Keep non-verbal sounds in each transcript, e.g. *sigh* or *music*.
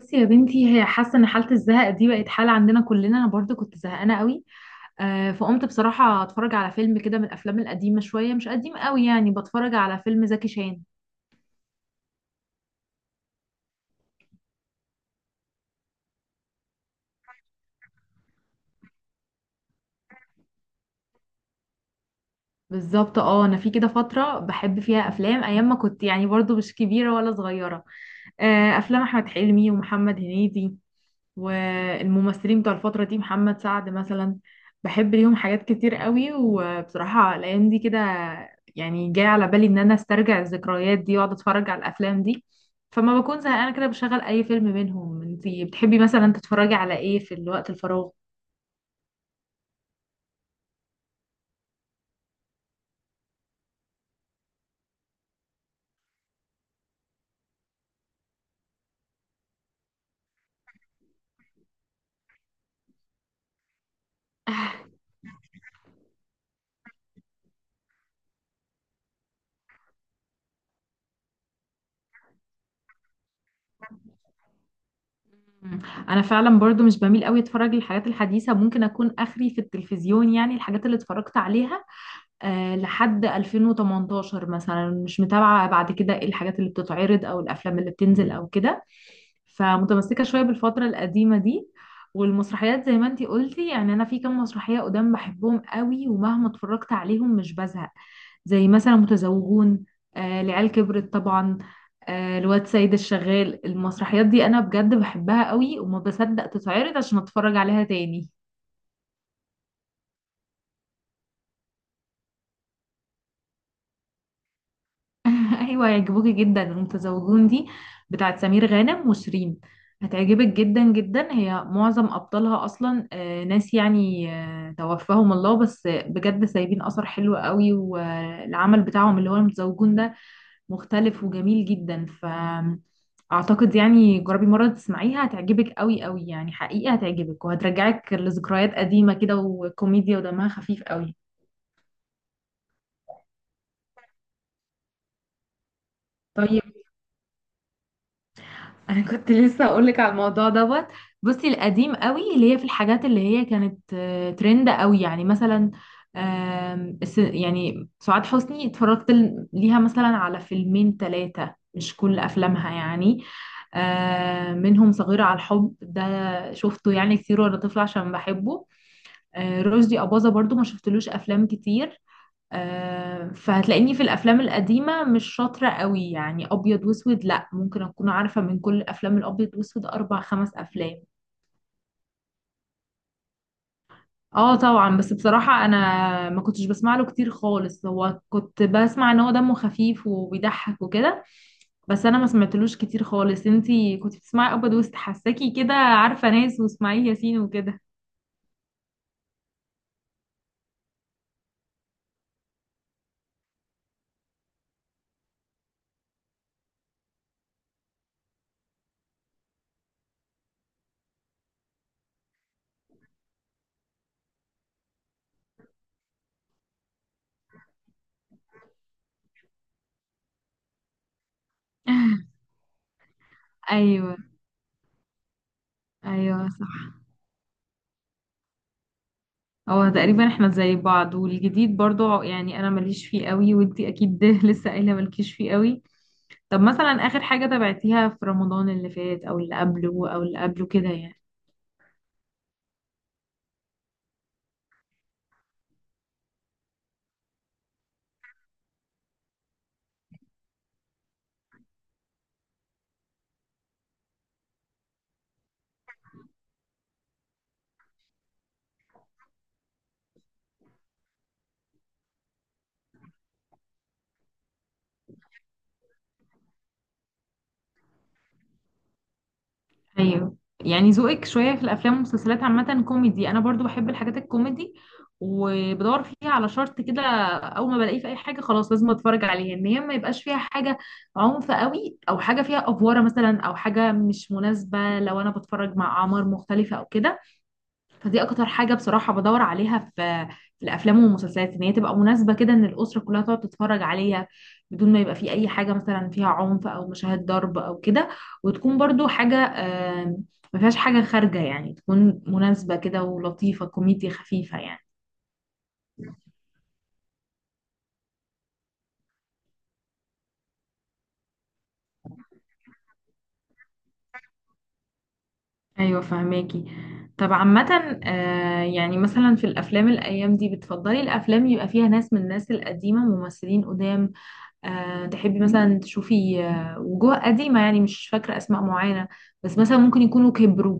بصي يا بنتي، هي حاسه ان حاله الزهق دي بقت حاله عندنا كلنا. انا برضو كنت زهقانه قوي. فقمت بصراحه اتفرج على فيلم كده من الافلام القديمه شويه، مش قديم قوي يعني، بتفرج على فيلم زكي شان. بالظبط، اه انا في كده فتره بحب فيها افلام ايام ما كنت يعني برضو مش كبيره ولا صغيره. افلام احمد حلمي ومحمد هنيدي، والممثلين بتوع الفترة دي محمد سعد مثلا. بحب ليهم حاجات كتير قوي، وبصراحة الأيام دي كده يعني جاي على بالي إن أنا أسترجع الذكريات دي وأقعد أتفرج على الأفلام دي، فما بكون زهقانة كده بشغل أي فيلم منهم. انتي بتحبي مثلا تتفرجي على إيه في الوقت الفراغ؟ مم. انا فعلا برضو مش بميل قوي اتفرج للحاجات الحديثه، ممكن اكون اخري في التلفزيون يعني الحاجات اللي اتفرجت عليها لحد 2018 مثلا. مش متابعة بعد كده ايه الحاجات اللي بتتعرض او الافلام اللي بتنزل او كده، فمتمسكة شوية بالفترة القديمة دي. والمسرحيات زي ما انتي قلتي، يعني انا في كام مسرحية قدام بحبهم قوي ومهما اتفرجت عليهم مش بزهق، زي مثلا متزوجون، العيال كبرت طبعا، الواد سيد الشغال. المسرحيات دي انا بجد بحبها قوي، وما بصدق تتعرض عشان اتفرج عليها تاني. *laughs* ايوه هيعجبوكي جدا. المتزوجون دي بتاعت سمير غانم وشيرين، هتعجبك جدا جدا. هي معظم ابطالها اصلا ناس يعني توفاهم الله، بس بجد سايبين اثر حلو قوي. والعمل بتاعهم اللي هو المتزوجون ده مختلف وجميل جدا، فاعتقد يعني جربي مره تسمعيها، هتعجبك قوي قوي يعني، حقيقه هتعجبك وهترجعك لذكريات قديمه كده، وكوميديا ودمها خفيف قوي. طيب، انا كنت لسه اقولك على الموضوع دوت. بصي، القديم قوي اللي هي في الحاجات اللي هي كانت ترند قوي، يعني مثلا يعني سعاد حسني اتفرجت ليها مثلا على فيلمين ثلاثة، مش كل افلامها يعني. منهم صغيرة على الحب، ده شفته يعني كتير وانا طفلة عشان بحبه. رشدي أباظة برضو ما شفتلوش افلام كتير. فهتلاقيني في الافلام القديمه مش شاطره قوي يعني. ابيض واسود لا، ممكن اكون عارفه من كل الافلام الابيض واسود اربع خمس افلام. اه طبعا، بس بصراحه انا ما كنتش بسمع له كتير خالص. هو كنت بسمع ان هو دمه خفيف وبيضحك وكده، بس انا ما سمعتلوش كتير خالص. انتي كنت بتسمعي ابيض واسود؟ حساكي كده عارفه ناس واسماعيل ياسين وكده. *laughs* ايوه. ايوه صح، هو تقريبا احنا زي بعض، والجديد برضو يعني انا ماليش فيه قوي، وانتي اكيد *laughs* ده لسه قايله مالكيش فيه قوي. طب مثلا اخر حاجه تابعتيها في رمضان اللي فات او اللي قبله او اللي قبله كده يعني؟ ايوه، يعني ذوقك شويه في الافلام والمسلسلات عامه كوميدي. انا برضو بحب الحاجات الكوميدي، وبدور فيها على شرط كده: اول ما بلاقيه في اي حاجه خلاص لازم اتفرج عليها، ان هي ما يبقاش فيها حاجه عنف قوي او حاجه فيها افوره مثلا، او حاجه مش مناسبه لو انا بتفرج مع اعمار مختلفه او كده. فدي اكتر حاجة بصراحة بدور عليها في في الافلام والمسلسلات، ان هي تبقى مناسبة كده ان الاسرة كلها تقعد تتفرج عليها، بدون ما يبقى في اي حاجة مثلا فيها عنف او مشاهد ضرب او كده. وتكون برضو حاجة ما فيهاش حاجة خارجة، يعني تكون مناسبة كده ولطيفة، كوميديا خفيفة يعني. ايوه فهماكي. طب عامة يعني مثلا في الافلام الايام دي، بتفضلي الافلام يبقى فيها ناس من الناس القديمة، ممثلين قدام، تحبي مثلا تشوفي وجوه قديمة، يعني مش فاكرة أسماء معينة بس مثلا ممكن يكونوا كبروا،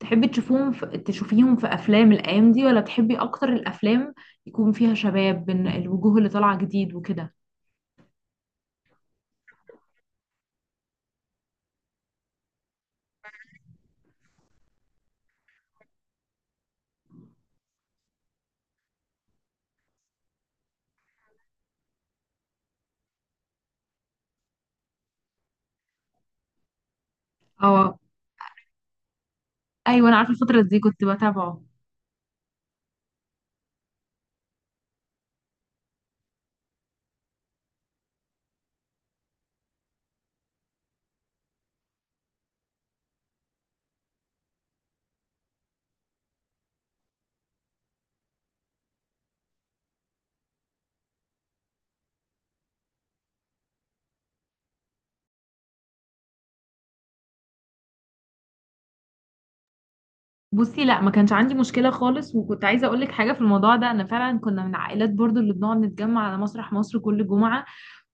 تحبي تشوفوهم في تشوفيهم في أفلام الأيام دي؟ ولا بتحبي أكتر الأفلام يكون فيها شباب بين الوجوه اللي طالعة جديد وكده؟ اه، أيوة أنا عارفة الفترة دي، كنت بتابعه. بصي، لا ما كانش عندي مشكلة خالص، وكنت عايزة أقولك حاجة في الموضوع ده. أنا فعلا كنا من عائلات برضو اللي بنقعد نتجمع على مسرح مصر كل جمعة،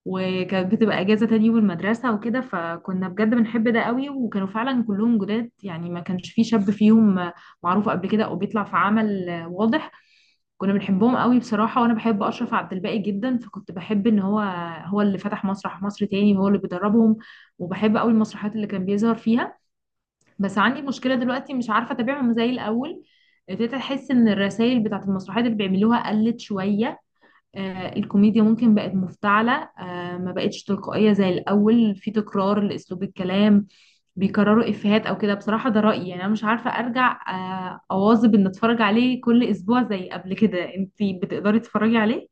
وكانت بتبقى اجازه تاني يوم المدرسه وكده، فكنا بجد بنحب ده قوي. وكانوا فعلا كلهم جداد يعني ما كانش في شاب فيهم معروف قبل كده او بيطلع في عمل واضح. كنا بنحبهم قوي بصراحه، وانا بحب اشرف عبد الباقي جدا، فكنت بحب ان هو، هو اللي فتح مسرح مصر تاني، هو اللي بيدربهم، وبحب قوي المسرحيات اللي كان بيظهر فيها. بس عندي مشكله دلوقتي مش عارفه اتابعهم زي الاول. ابتديت احس ان الرسائل بتاعت المسرحيات اللي بيعملوها قلت شويه، الكوميديا ممكن بقت مفتعلة، ما بقتش تلقائية زي الأول، في تكرار لأسلوب الكلام، بيكرروا إفيهات أو كده. بصراحة ده رأيي، يعني أنا مش عارفة أرجع أواظب إن أتفرج عليه كل أسبوع زي قبل كده. أنتي بتقدري تتفرجي عليه؟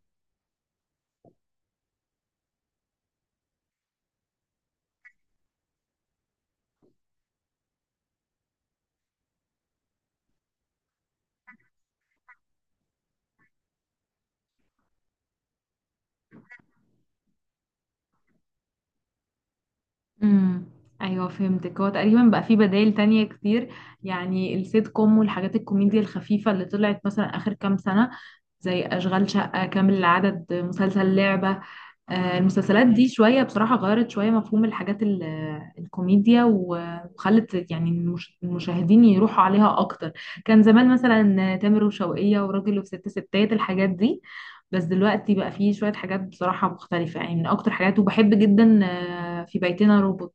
امم ايوه فهمتك. هو تقريبا بقى في بدائل تانية كتير، يعني السيت كوم والحاجات الكوميديا الخفيفة اللي طلعت مثلا آخر كام سنة، زي أشغال شقة، كامل العدد، مسلسل لعبة، المسلسلات دي شوية بصراحة غيرت شوية مفهوم الحاجات الكوميديا وخلت يعني المشاهدين يروحوا عليها أكتر. كان زمان مثلا تامر وشوقية وراجل وست ستات الحاجات دي، بس دلوقتي بقى فيه شوية حاجات بصراحة مختلفة يعني. من أكتر حاجات وبحب جدا في بيتنا روبوت.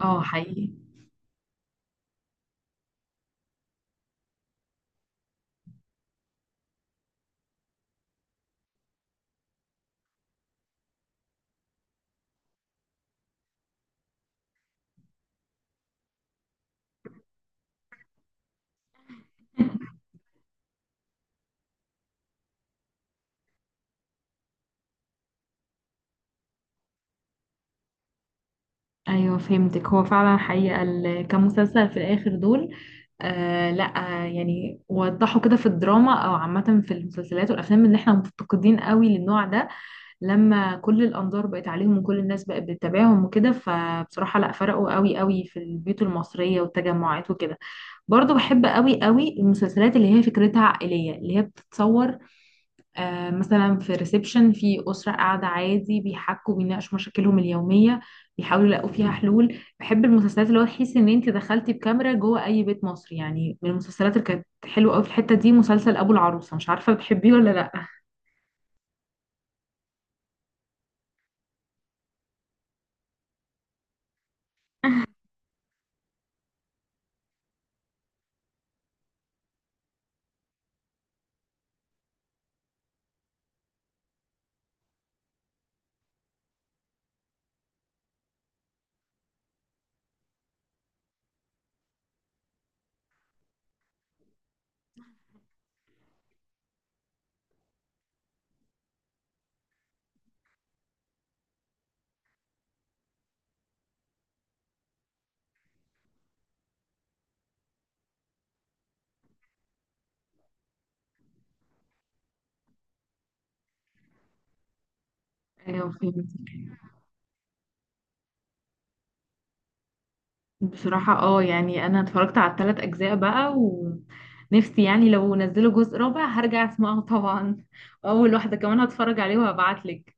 اه حقيقي. ايوه فهمتك، هو فعلا حقيقة كمسلسل في الاخر دول، آه لا آه يعني وضحوا كده في الدراما او عامة في المسلسلات والافلام ان احنا مفتقدين قوي للنوع ده. لما كل الانظار بقت عليهم وكل الناس بقت بتتابعهم وكده، فبصراحة لا، فرقوا قوي قوي في البيوت المصرية والتجمعات وكده. برضو بحب قوي قوي المسلسلات اللي هي فكرتها عائلية، اللي هي بتتصور مثلا في ريسبشن، في أسرة قاعدة عادي بيحكوا بيناقشوا مشاكلهم اليومية، بيحاولوا يلاقوا فيها حلول. بحب المسلسلات اللي هو تحسي ان انت دخلتي بكاميرا جوه اي بيت مصري يعني. من المسلسلات اللي كانت حلوة قوي في الحتة دي مسلسل ابو العروسة، مش عارفة بتحبيه ولا لا؟ ايوه فهمت. بصراحة اه، يعني انا اتفرجت على الثلاث اجزاء بقى، ونفسي يعني لو نزلوا جزء رابع هرجع اسمعه *laughs* طبعا، واول واحدة كمان هتفرج عليه وهبعتلك.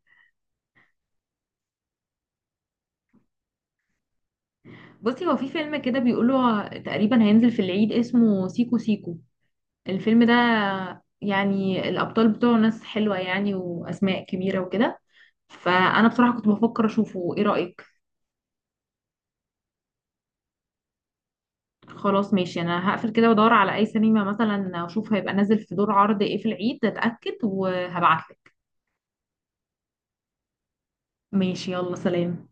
بصي، هو في فيلم كده بيقولوا تقريبا هينزل في العيد اسمه سيكو سيكو. الفيلم ده يعني الأبطال بتوعه ناس حلوة يعني، وأسماء كبيرة وكده، فأنا بصراحة كنت بفكر أشوفه. إيه رأيك؟ خلاص ماشي، أنا هقفل كده وأدور على أي سينما مثلا أشوف هيبقى نازل في دور عرض إيه في العيد، أتأكد وهبعتلك. ماشي، يلا سلام.